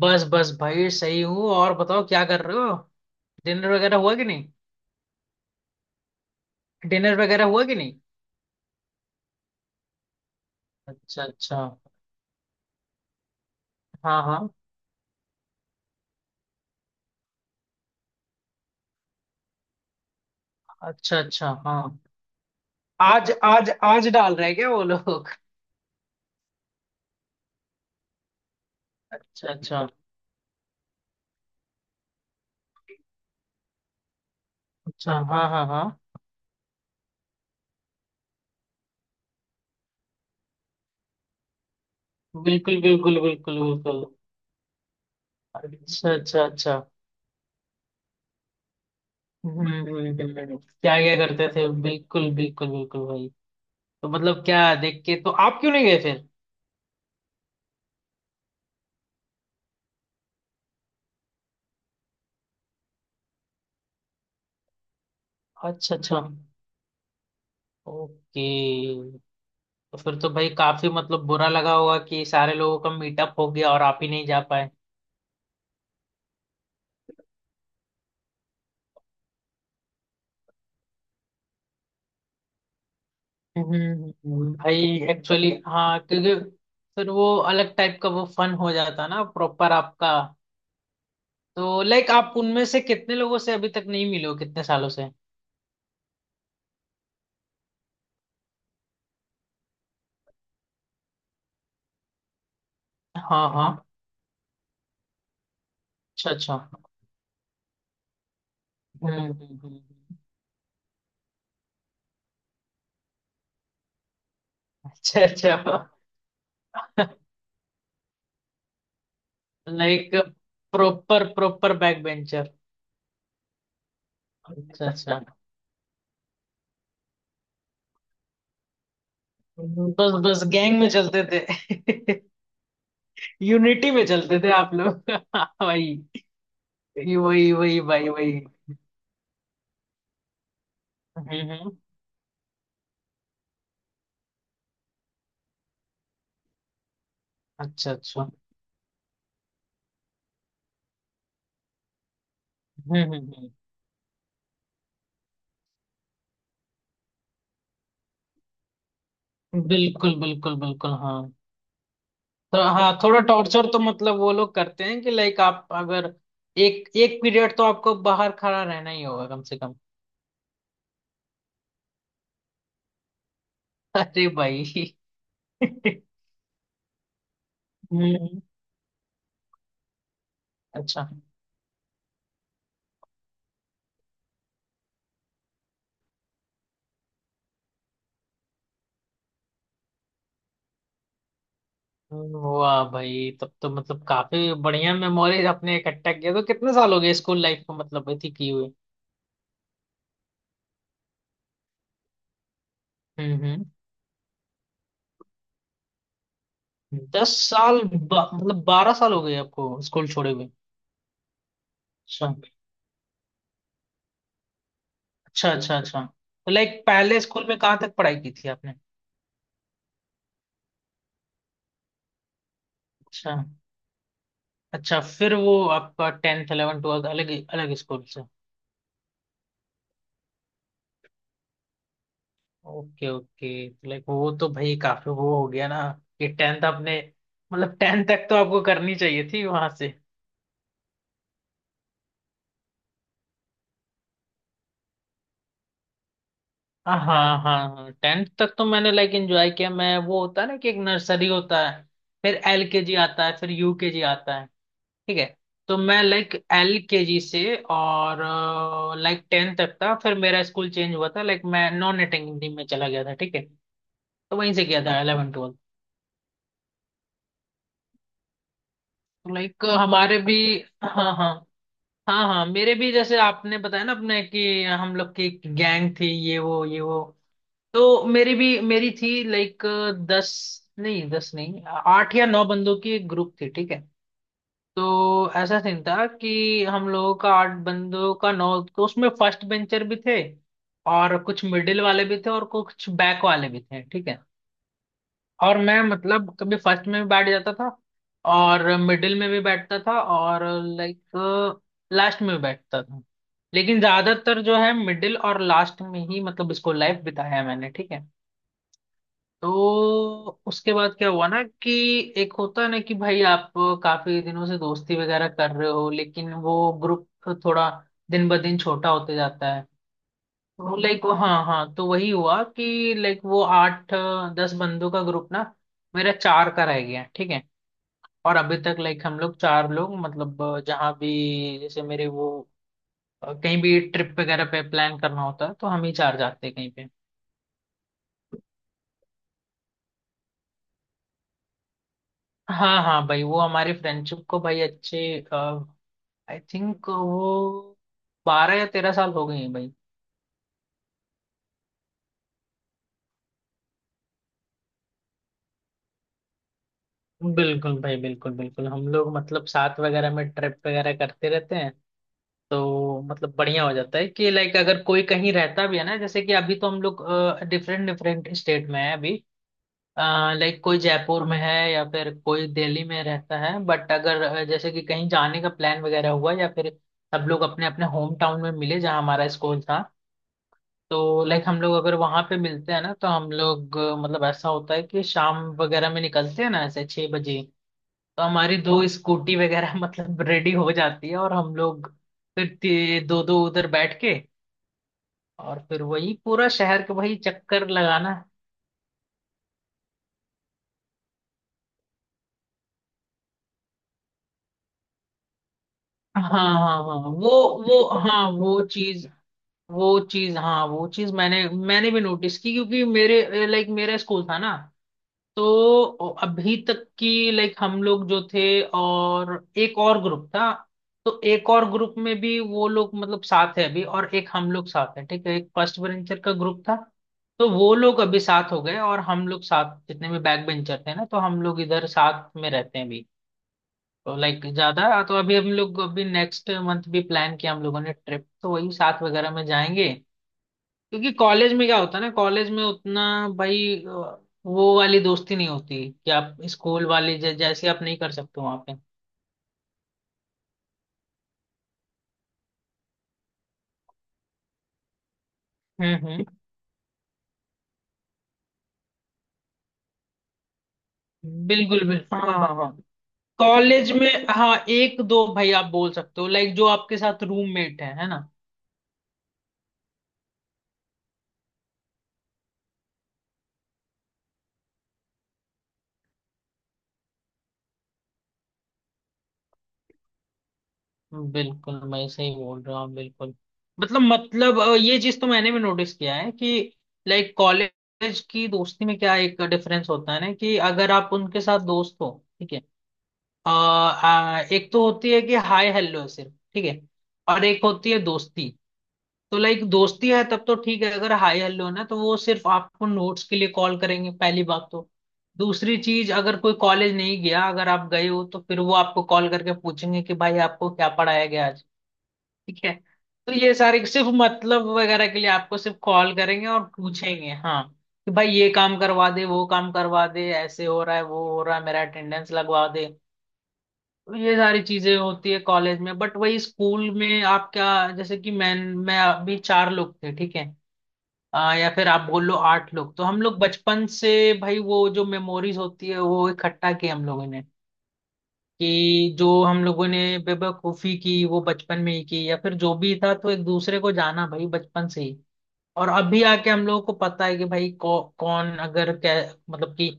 बस बस भाई सही हूँ। और बताओ क्या कर रहे हो? डिनर वगैरह हुआ कि नहीं? डिनर वगैरह हुआ कि नहीं? अच्छा अच्छा। हाँ हाँ। अच्छा अच्छा। हाँ। आज आज आज डाल रहे हैं क्या वो लोग? अच्छा अच्छा अच्छा। हाँ हाँ हाँ। बिल्कुल बिल्कुल बिल्कुल बिल्कुल। अच्छा अच्छा अच्छा। क्या क्या करते थे, बिल्कुल बिल्कुल बिल्कुल भाई। तो मतलब क्या देख के, तो आप क्यों नहीं गए फिर? अच्छा अच्छा। ओके। तो फिर तो भाई काफी मतलब बुरा लगा होगा कि सारे लोगों का मीटअप हो गया और आप ही नहीं जा पाए। भाई। एक्चुअली हाँ, क्योंकि फिर वो अलग टाइप का वो फन हो जाता ना प्रॉपर आपका। तो लाइक आप उनमें से कितने लोगों से अभी तक नहीं मिले हो, कितने सालों से? हाँ हाँ। अच्छा अच्छा। हम्म, हम्म, हम्म। अच्छा अच्छा। Like proper proper back bencher. अच्छा अच्छा। बस बस गैंग में चलते थे। यूनिटी में चलते थे आप लोग भाई। वही वही वही भाई वही। हम्म हम्म, अच्छा अच्छा। हम्म हम्म बिल्कुल बिल्कुल बिल्कुल हाँ। तो हाँ, थोड़ा टॉर्चर तो मतलब वो लोग करते हैं कि लाइक आप अगर एक एक पीरियड तो आपको बाहर खड़ा रहना ही होगा कम से कम। अरे भाई हम्म। अच्छा। वाह भाई, तब तो मतलब काफी बढ़िया मेमोरीज आपने इकट्ठा किया। तो कितने साल हो गए स्कूल लाइफ को, मतलब इतनी की हुई? हम्म। मतलब बारह साल हो गए आपको स्कूल छोड़े हुए। अच्छा। अच्छा अच्छा अच्छा। तो लाइक पहले स्कूल में कहाँ तक पढ़ाई की थी आपने? अच्छा। अच्छा, फिर वो आपका टेंथ 11th 12th अलग अलग स्कूल से? Okay okay. तो लाइक वो तो भाई काफी वो हो गया ना कि टेंथ आपने, मतलब टेंथ तक तो आपको करनी चाहिए थी वहां से। हाँ हाँ हाँ, टेंथ तक तो मैंने लाइक एंजॉय किया। मैं, वो होता है ना कि एक नर्सरी होता है, फिर एलकेजी आता है, फिर यूकेजी आता है, ठीक है? तो मैं लाइक एल के जी से और लाइक टेन तक था। फिर मेरा स्कूल चेंज हुआ था, लाइक मैं नॉन अटेंडिंग में चला गया था, ठीक है। तो वहीं से किया था इलेवन ट्वेल्थ। तो लाइक हमारे भी, हाँ हाँ हाँ हाँ, मेरे भी जैसे आपने बताया ना अपने कि हम लोग की गैंग थी ये वो ये वो। तो मेरी भी मेरी थी, लाइक दस, नहीं दस नहीं, आठ या नौ बंदों की एक ग्रुप थी, ठीक है। तो ऐसा सीन था कि हम लोगों का आठ बंदों का नौ। तो उसमें फर्स्ट बेंचर भी थे, और कुछ मिडिल वाले भी थे, और कुछ बैक वाले भी थे, ठीक है। और मैं मतलब कभी फर्स्ट में भी बैठ जाता था, और मिडिल में भी बैठता था, और लाइक लास्ट में भी बैठता था। लेकिन ज्यादातर जो है मिडिल और लास्ट में ही मतलब स्कूल लाइफ बिताया है मैंने, ठीक है। तो उसके बाद क्या हुआ ना कि एक होता है ना कि भाई आप काफी दिनों से दोस्ती वगैरह कर रहे हो, लेकिन वो ग्रुप थोड़ा दिन ब दिन छोटा होते जाता है। तो लाइक, हाँ हाँ, तो वही हुआ कि लाइक वो आठ दस बंदों का ग्रुप ना मेरा चार का रह गया, ठीक है। और अभी तक लाइक हम लोग चार लोग, मतलब जहाँ भी, जैसे मेरे वो, कहीं भी ट्रिप वगैरह पे प्लान करना होता है तो हम ही चार जाते हैं कहीं पे। हाँ हाँ भाई, वो हमारी फ्रेंडशिप को भाई अच्छे, आई थिंक वो 12 या 13 साल हो गए हैं भाई। बिल्कुल भाई बिल्कुल बिल्कुल, हम लोग मतलब साथ वगैरह में ट्रिप वगैरह करते रहते हैं। तो मतलब बढ़िया हो जाता है कि लाइक अगर कोई कहीं रहता भी है ना, जैसे कि अभी तो हम लोग डिफरेंट डिफरेंट स्टेट में है अभी। लाइक कोई जयपुर में है या फिर कोई दिल्ली में रहता है, बट अगर जैसे कि कहीं जाने का प्लान वगैरह हुआ, या फिर सब लोग अपने अपने होम टाउन में मिले जहाँ हमारा स्कूल था, तो लाइक हम लोग अगर वहां पे मिलते हैं ना तो हम लोग मतलब ऐसा होता है कि शाम वगैरह में निकलते हैं ना, ऐसे 6 बजे। तो हमारी दो स्कूटी वगैरह मतलब रेडी हो जाती है, और हम लोग फिर दो दो उधर बैठ के, और फिर वही पूरा शहर के वही चक्कर लगाना। हाँ हाँ हाँ वो हाँ वो चीज, वो चीज हाँ वो चीज, मैंने मैंने भी नोटिस की क्योंकि मेरे लाइक मेरा स्कूल था ना। तो अभी तक की लाइक हम लोग जो थे, और एक और ग्रुप था। तो एक और ग्रुप में भी वो लोग मतलब साथ है अभी, और एक हम लोग साथ है, ठीक है। एक फर्स्ट बेंचर का ग्रुप था, तो वो लोग अभी साथ हो गए, और हम लोग साथ जितने भी बैक बेंचर थे ना, तो हम लोग इधर साथ में रहते हैं अभी। तो लाइक ज्यादा तो अभी हम लोग, अभी नेक्स्ट मंथ भी प्लान किया हम लोगों ने ट्रिप, तो वही साथ वगैरह में जाएंगे। क्योंकि कॉलेज में क्या होता है ना, कॉलेज में उतना भाई, वो वाली दोस्ती नहीं होती कि आप स्कूल वाली, जैसे आप नहीं कर सकते वहां पे। हम्म, बिल्कुल बिल्कुल हाँ हाँ हाँ। कॉलेज में, हाँ एक दो भाई आप बोल सकते हो, लाइक जो आपके साथ रूममेट है ना। बिल्कुल, मैं सही बोल रहा हूँ बिल्कुल। मतलब मतलब, ये चीज तो मैंने भी नोटिस किया है कि लाइक कॉलेज की दोस्ती में क्या एक डिफरेंस होता है ना कि अगर आप उनके साथ दोस्त हो, ठीक है। आ, आ, एक तो होती है कि हाय हेलो सिर्फ, ठीक है, और एक होती है दोस्ती। तो लाइक दोस्ती है तब तो ठीक है, अगर हाय हेलो है ना तो वो सिर्फ आपको नोट्स के लिए कॉल करेंगे पहली बात तो। दूसरी चीज, अगर कोई कॉलेज नहीं गया, अगर आप गए हो, तो फिर वो आपको कॉल करके पूछेंगे कि भाई आपको क्या पढ़ाया गया आज, ठीक है। तो ये सारे सिर्फ मतलब वगैरह के लिए आपको सिर्फ कॉल करेंगे और पूछेंगे, हाँ, कि भाई ये काम करवा दे, वो काम करवा दे, ऐसे हो रहा है वो हो रहा है, मेरा अटेंडेंस लगवा दे। ये सारी चीजें होती है कॉलेज में, बट वही स्कूल में आप क्या, जैसे कि मैं अभी चार लोग थे, ठीक है। या फिर आप बोल लो आठ लोग, तो हम लोग बचपन से भाई, वो जो मेमोरीज होती है वो इकट्ठा की हम लोगों ने, कि जो हम लोगों ने बेवकूफी की वो बचपन में ही की, या फिर जो भी था, तो एक दूसरे को जाना भाई बचपन से ही। और अभी आके हम लोगों को पता है कि भाई, कौन अगर क्या, मतलब कि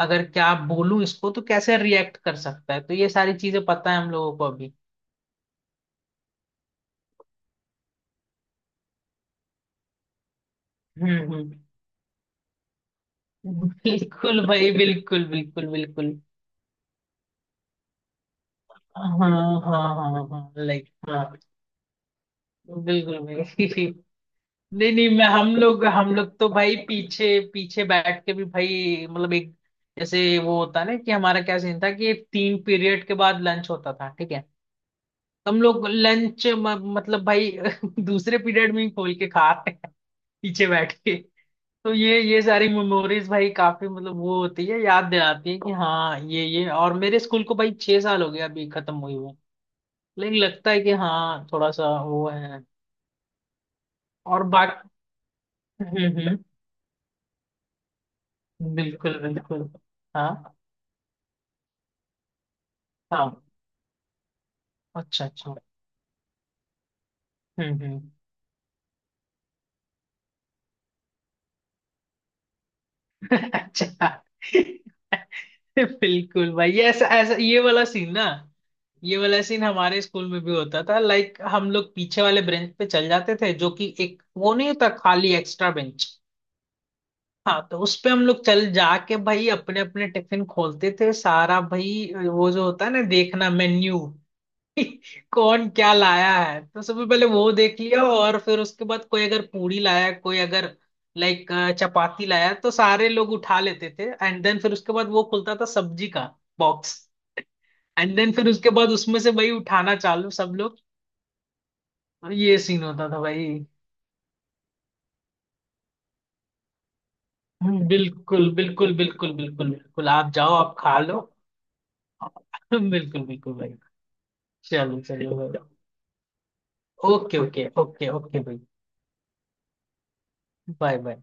अगर क्या बोलूं इसको तो कैसे रिएक्ट कर सकता है, तो ये सारी चीजें पता है हम लोगों को अभी। हम्म हम्म, बिल्कुल भाई बिल्कुल बिल्कुल बिल्कुल। हाँ हाँ हाँ हाँ लाइक हाँ। बिल्कुल भाई। नहीं नहीं, मैं, हम लोग तो भाई पीछे पीछे बैठ के भी भाई मतलब एक, जैसे वो होता है ना कि हमारा क्या सीन था कि 3 पीरियड के बाद लंच होता था, ठीक है। हम लोग लंच मतलब भाई दूसरे पीरियड में ही खोल के खा रहे, पीछे बैठ के। तो ये सारी मेमोरीज भाई काफी मतलब वो होती है, याद दिलाती है कि हाँ ये, और मेरे स्कूल को भाई 6 साल हो गया अभी खत्म हुई हुए, लेकिन लगता है कि हाँ थोड़ा सा वो है। और बाकी, हम्म हम्म, बिल्कुल बिल्कुल हाँ हाँ। अच्छा अच्छा। हम्म। अच्छा। बिल्कुल भाई, ये ऐसा ऐसा ये वाला सीन ना, ये वाला सीन हमारे स्कूल में भी होता था। लाइक हम लोग पीछे वाले बेंच पे चल जाते थे, जो कि एक वो नहीं होता खाली एक्स्ट्रा बेंच। हाँ, तो उस पे हम लोग चल जाके भाई अपने अपने टिफिन खोलते थे, सारा भाई वो जो होता है ना, देखना मेन्यू कौन क्या लाया है, तो सबसे पहले वो देख लिया, और फिर उसके बाद कोई अगर पूरी लाया, कोई अगर लाइक चपाती लाया, तो सारे लोग उठा लेते थे, एंड देन फिर उसके बाद वो खुलता था सब्जी का बॉक्स। एंड देन फिर उसके बाद उसमें से वही उठाना चालू सब लोग। और ये सीन होता था भाई। बिल्कुल बिल्कुल बिल्कुल बिल्कुल बिल्कुल, आप जाओ आप खा लो। बिल्कुल बिल्कुल भाई। चलो चलो भाई। ओके ओके ओके ओके भाई। Bye bye.